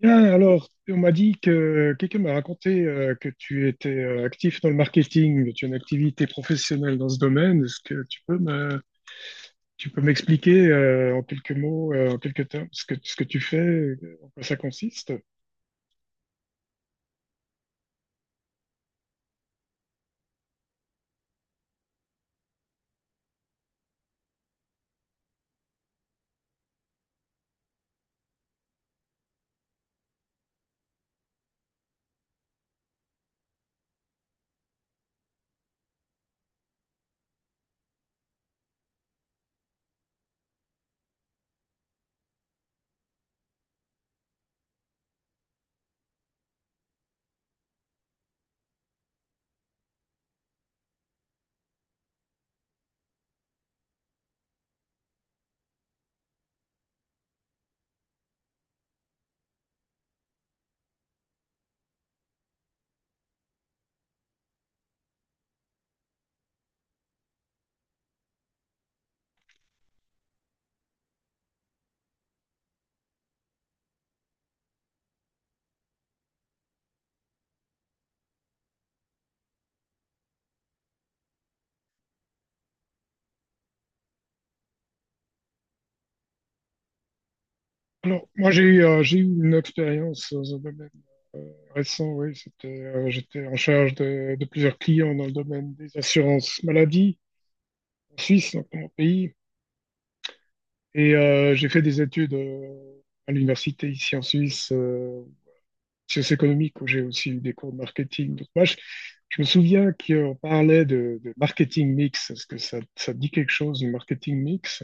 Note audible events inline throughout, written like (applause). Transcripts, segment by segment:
Bien, alors, on m'a dit que quelqu'un m'a raconté que tu étais actif dans le marketing, que tu as une activité professionnelle dans ce domaine. Est-ce que tu peux m'expliquer en quelques mots, en quelques termes, ce que tu fais, en quoi ça consiste? Alors, moi, j'ai eu une expérience dans un domaine euh, récent, oui, j'étais en charge de plusieurs clients dans le domaine des assurances maladie en Suisse, donc dans mon pays. Et j'ai fait des études à l'université ici en Suisse, sciences économiques, où j'ai aussi eu des cours de marketing. Donc je me souviens qu'on parlait de marketing mix. Est-ce que ça te dit quelque chose, le marketing mix?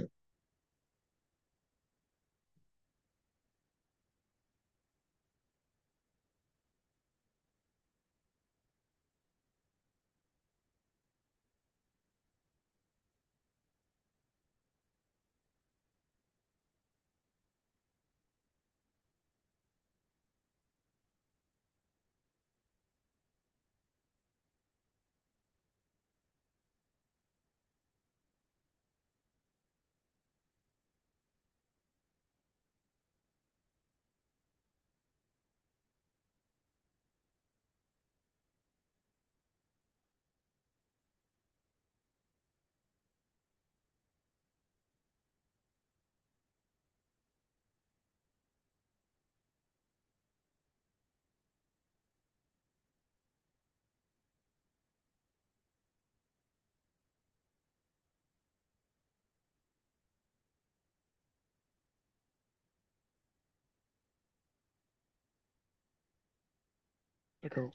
D'accord.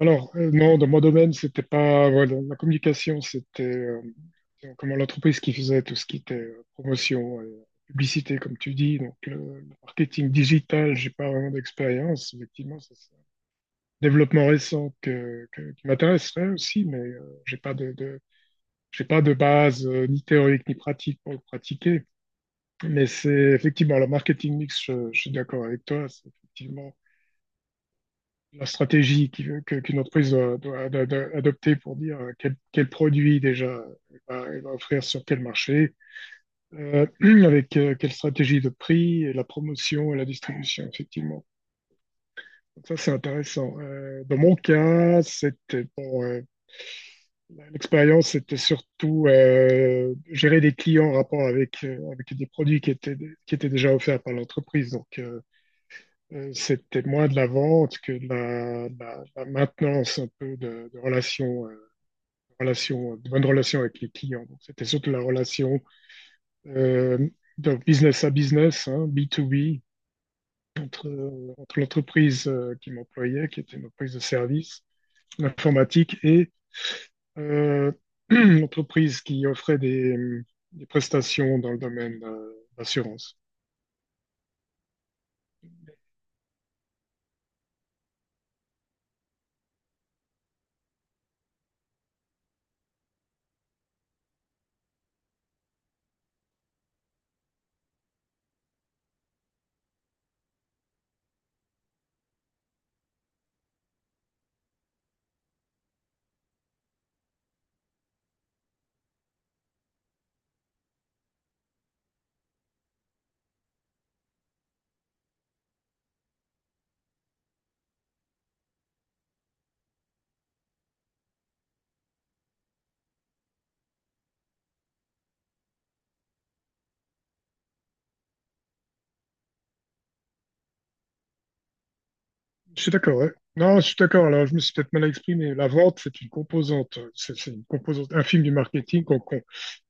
Alors, non, dans mon domaine, c'était pas, voilà, la communication, c'était comment l'entreprise qui faisait tout ce qui était promotion, et publicité, comme tu dis. Donc, le marketing digital, j'ai pas vraiment d'expérience. Effectivement, développement récent qui m'intéresserait aussi, mais j'ai pas de base ni théorique ni pratique pour le pratiquer. Mais c'est effectivement le marketing mix, je suis d'accord avec toi, c'est effectivement la stratégie qu'une entreprise doit adopter pour dire quel produit déjà elle va offrir sur quel marché, euh, (clears throat) avec quelle stratégie de prix, et la promotion et la distribution, effectivement. Donc ça, c'est intéressant. Dans mon cas, l'expérience, c'était surtout gérer des clients en rapport avec, avec des produits qui étaient déjà offerts par l'entreprise. Donc, c'était moins de la vente que de la maintenance un peu de relations, de bonnes relations avec les clients. Donc, c'était surtout la relation euh, de business à business, hein, B2B, entre, entre l'entreprise qui m'employait, qui était une entreprise de service, l'informatique, et Euh, (clears throat) entreprise qui offrait des prestations dans le domaine de l'assurance. Je suis d'accord, ouais. Non, je suis d'accord. Alors, je me suis peut-être mal exprimé. La vente, c'est une composante, c'est une composante infime du marketing qu'on- qu'on-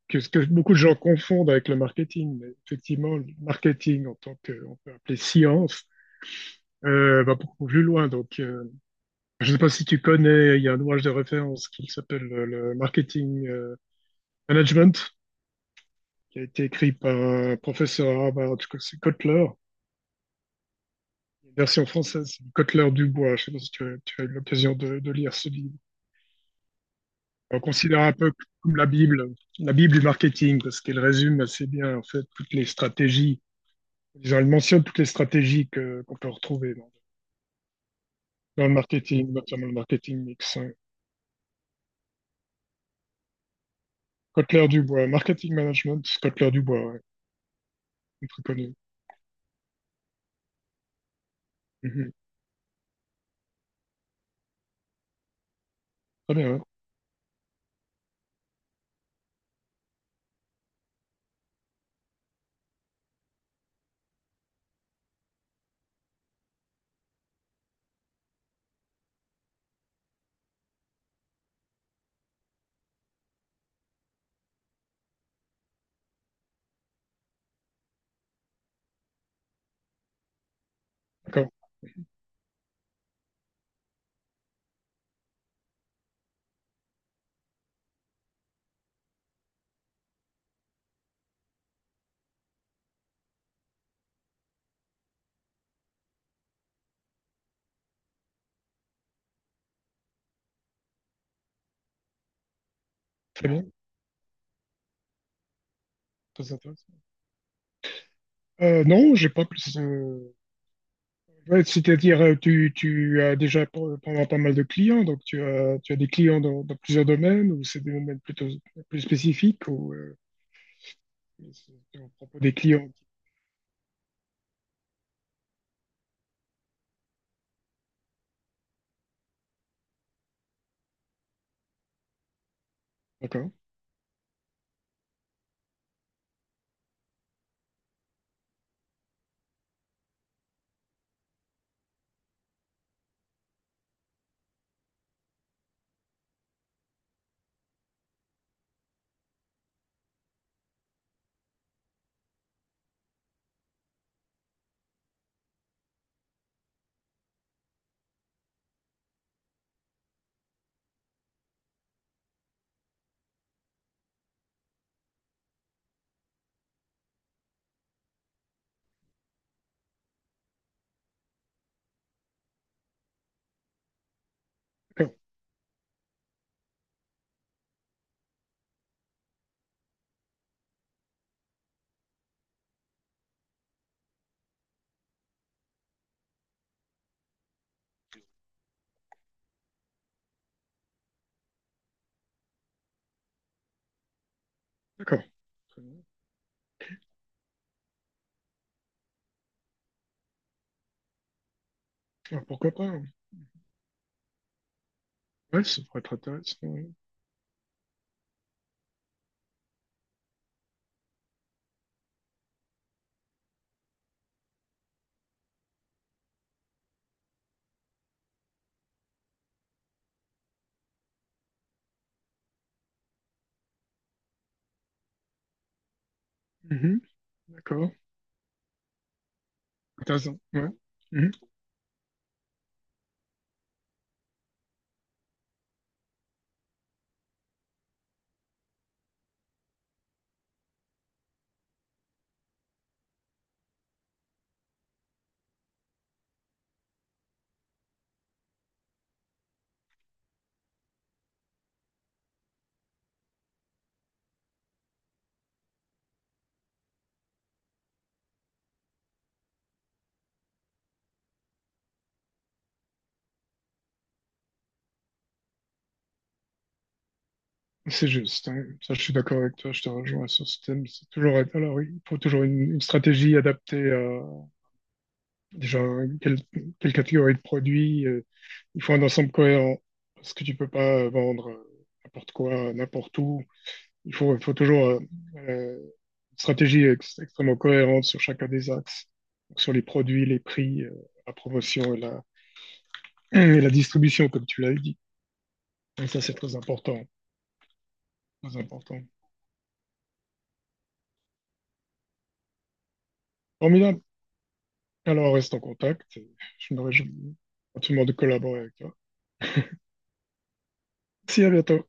que, que beaucoup de gens confondent avec le marketing. Mais effectivement, le marketing en tant que, on peut appeler science, va beaucoup plus loin. Donc, je ne sais pas si tu connais, il y a un ouvrage de référence qui s'appelle le marketing management, qui a été écrit par un professeur à Harvard, je crois que c'est Kotler, version française, c'est Cotler Dubois. Je ne sais pas si tu as eu l'occasion de lire ce livre. On le considère un peu comme la Bible du marketing, parce qu'elle résume assez bien en fait toutes les stratégies. Disons, elle mentionne toutes les stratégies qu'on peut retrouver dans le marketing, notamment le marketing mix, hein. Kotler Dubois, marketing management, Kotler Dubois, ouais, c'est très connu. Mhm. Très bien, hein. D'accord, très bien, très intéressant. Non, j'ai pas plus. Ouais, c'est-à-dire, tu as déjà pendant pas mal de clients, donc tu as des clients dans plusieurs domaines, ou c'est des domaines plutôt plus spécifiques, ou c'est au propos des clients. D'accord, d'accord, d'accord. Très bien. Ah, pourquoi pas, hein? Ouais, ça pourrait être intéressant, ouais. Mhm. D'accord, intéressant. Ouais. Mhm. C'est juste, hein. Ça, je suis d'accord avec toi, je te rejoins sur ce thème. C'est toujours, alors, oui, il faut toujours une stratégie adaptée à déjà quelle, quelle catégorie de produits. Il faut un ensemble cohérent, parce que tu peux pas vendre n'importe quoi, n'importe où. Il faut toujours euh, une stratégie extrêmement cohérente sur chacun des axes, donc, sur les produits, les prix, la promotion (clears throat) et la distribution, comme tu l'as dit. Et ça, c'est très important, très important. Formidable. Alors, reste en contact. Je me réjouis gentiment de collaborer avec toi. Merci, à bientôt.